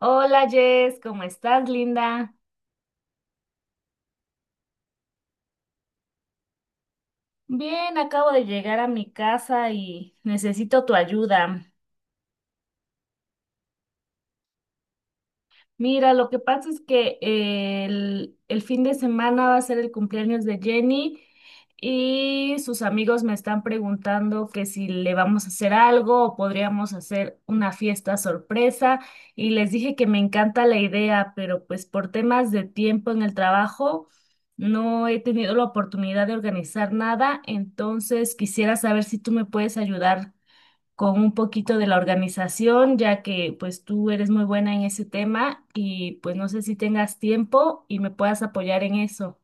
Hola Jess, ¿cómo estás, linda? Bien, acabo de llegar a mi casa y necesito tu ayuda. Mira, lo que pasa es que el fin de semana va a ser el cumpleaños de Jenny y sus amigos me están preguntando que si le vamos a hacer algo o podríamos hacer una fiesta sorpresa y les dije que me encanta la idea, pero pues por temas de tiempo en el trabajo no he tenido la oportunidad de organizar nada, entonces quisiera saber si tú me puedes ayudar con un poquito de la organización, ya que pues tú eres muy buena en ese tema y pues no sé si tengas tiempo y me puedas apoyar en eso.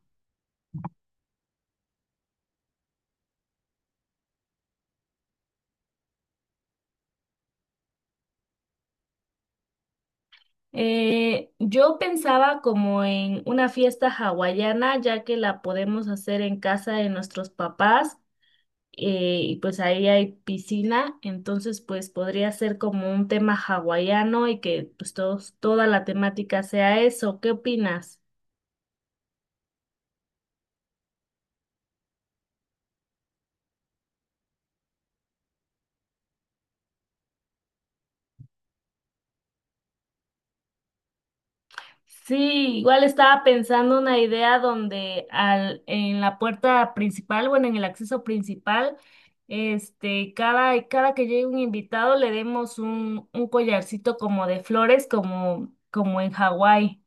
Yo pensaba como en una fiesta hawaiana, ya que la podemos hacer en casa de nuestros papás, y pues ahí hay piscina, entonces pues podría ser como un tema hawaiano y que pues todos, toda la temática sea eso. ¿Qué opinas? Sí, igual estaba pensando una idea donde al, en la puerta principal, bueno, en el acceso principal, este, cada que llegue un invitado le demos un collarcito como de flores, como, como en Hawái.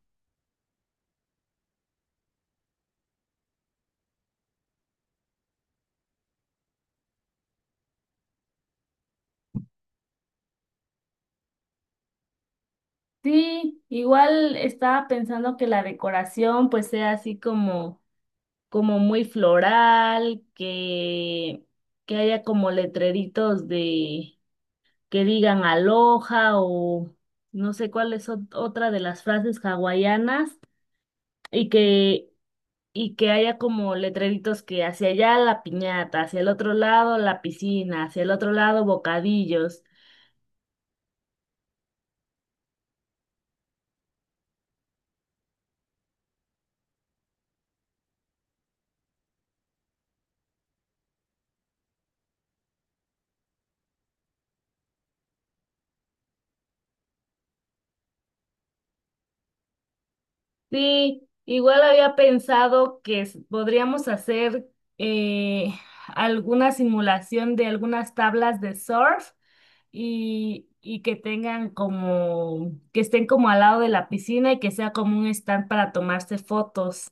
Sí, igual estaba pensando que la decoración pues sea así como, como muy floral, que haya como letreritos de que digan aloha o no sé cuál es otra de las frases hawaianas y que, y que haya como letreritos que hacia allá la piñata, hacia el otro lado la piscina, hacia el otro lado bocadillos. Sí, igual había pensado que podríamos hacer eh, alguna simulación de algunas tablas de surf y que tengan como, que estén como al lado de la piscina y que sea como un stand para tomarse fotos.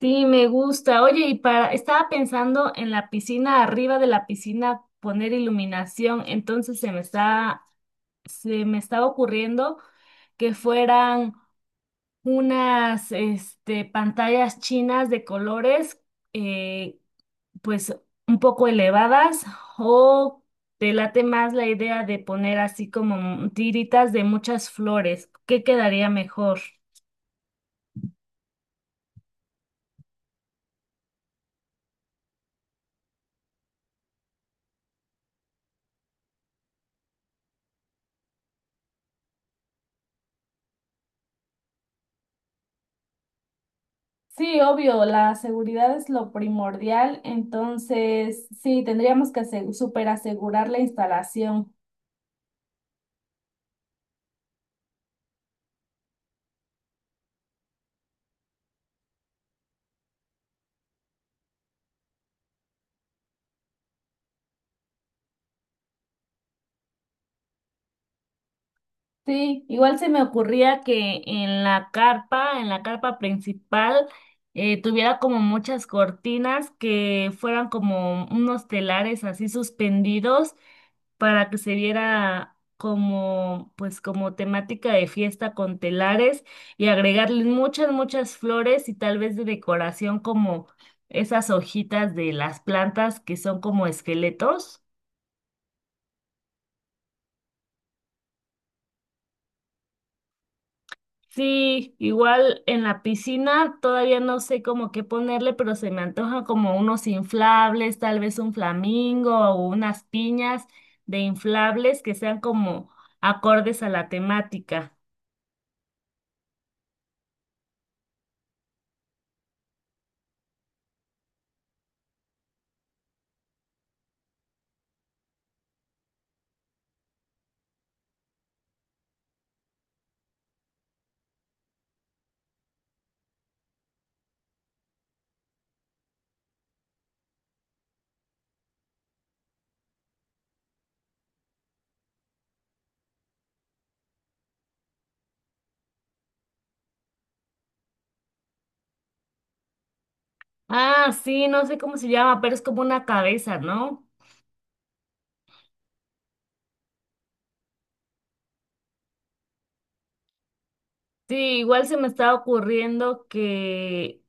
Sí, me gusta. Oye, y para, estaba pensando en la piscina, arriba de la piscina poner iluminación, entonces se me estaba ocurriendo que fueran unas, este, pantallas chinas de colores, eh, pues un poco elevadas o te late más la idea de poner así como tiritas de muchas flores. ¿Qué quedaría mejor? Sí, obvio, la seguridad es lo primordial, entonces sí, tendríamos que super asegurar la instalación. Sí, igual se me ocurría que en la carpa principal, tuviera como muchas cortinas que fueran como unos telares así suspendidos para que se viera como, pues, como temática de fiesta con telares y agregarle muchas, muchas flores y tal vez de decoración como esas hojitas de las plantas que son como esqueletos. Sí, igual en la piscina todavía no sé cómo qué ponerle, pero se me antoja como unos inflables, tal vez un flamingo o unas piñas de inflables que sean como acordes a la temática. Ah, sí, no sé cómo se llama, pero es como una cabeza, ¿no? Sí, igual se me está ocurriendo que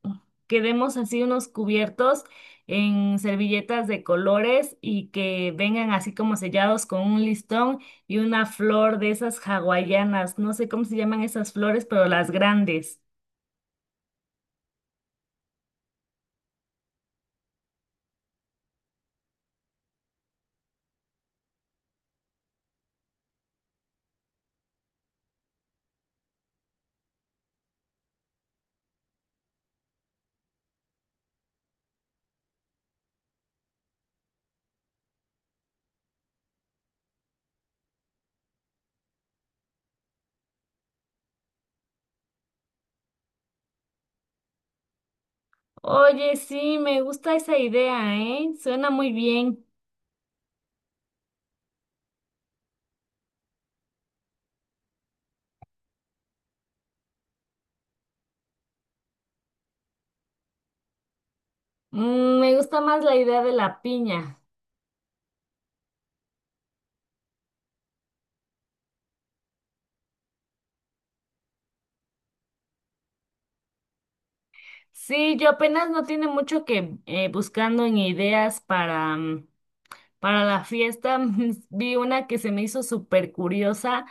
quedemos así unos cubiertos en servilletas de colores y que vengan así como sellados con un listón y una flor de esas hawaianas. No sé cómo se llaman esas flores, pero las grandes. Oye, sí, me gusta esa idea, ¿eh? Suena muy bien. Mm, me gusta más la idea de la piña. Sí, yo apenas no tiene mucho que buscando en ideas para, mm, para la fiesta. Vi una que se me hizo súper curiosa,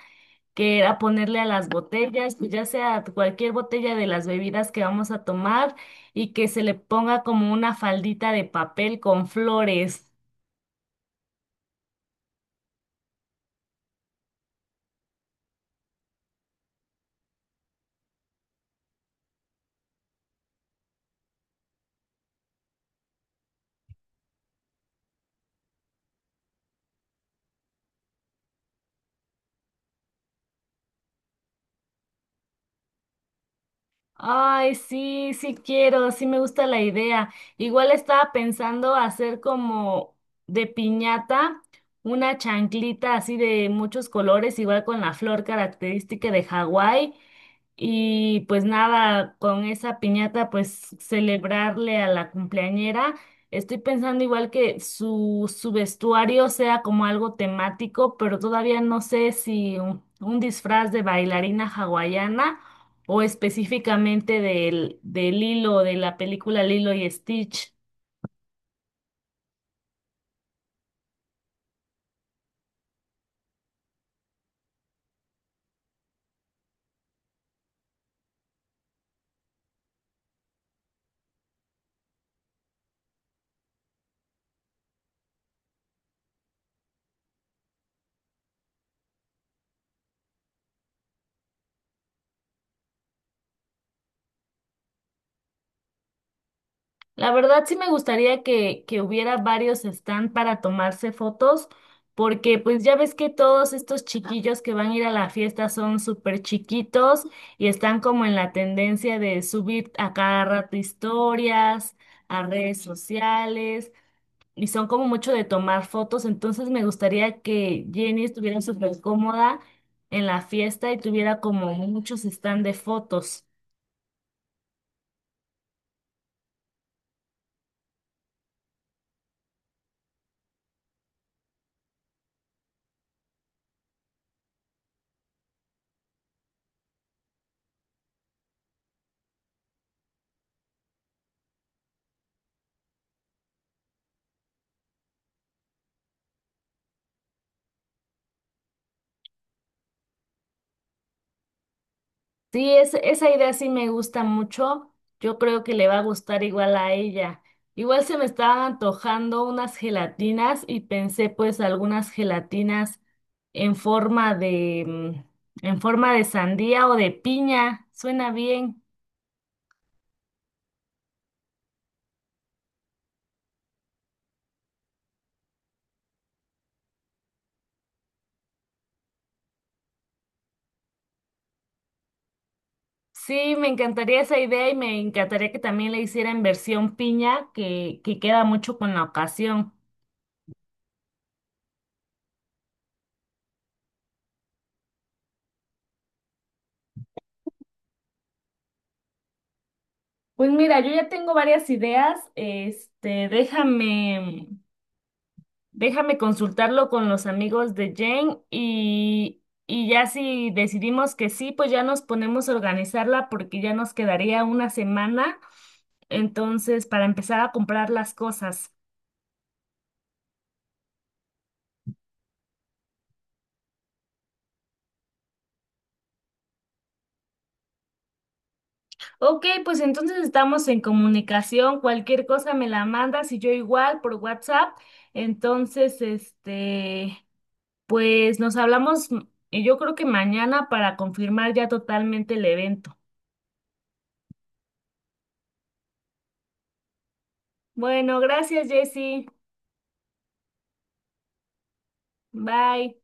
que era ponerle a las botellas, pues ya sea cualquier botella de las bebidas que vamos a tomar, y que se le ponga como una faldita de papel con flores. Ay, sí, sí quiero, sí me gusta la idea. Igual estaba pensando hacer como de piñata una chanclita así de muchos colores, igual con la flor característica de Hawái y pues nada, con esa piñata, pues celebrarle a la cumpleañera. Estoy pensando igual que su vestuario sea como algo temático, pero todavía no sé si un disfraz de bailarina hawaiana o específicamente de Lilo, de la película Lilo y Stitch. La verdad sí me gustaría que hubiera varios stand para tomarse fotos, porque pues ya ves que todos estos chiquillos que van a ir a la fiesta son súper chiquitos y están como en la tendencia de subir a cada rato historias, a redes sociales, y son como mucho de tomar fotos, entonces me gustaría que Jenny estuviera súper cómoda en la fiesta y tuviera como muchos stand de fotos. Sí, es, esa idea sí me gusta mucho. Yo creo que le va a gustar igual a ella. Igual se me estaban antojando unas gelatinas y pensé pues algunas gelatinas en forma de, mm, en forma de sandía o de piña. Suena bien. Sí, me encantaría esa idea y me encantaría que también le hiciera en versión piña, que queda mucho con la ocasión. Pues mira, yo ya tengo varias ideas. Este, déjame. Déjame consultarlo con los amigos de Jane y ya si decidimos que sí, pues ya nos ponemos a organizarla porque ya nos quedaría una semana, entonces, para empezar a comprar las cosas. Ok, pues entonces estamos en comunicación, cualquier cosa me la mandas y yo igual por WhatsApp, entonces, este, pues nos hablamos, mm, y yo creo que mañana para confirmar ya totalmente el evento. Bueno, gracias, Jessy. Bye.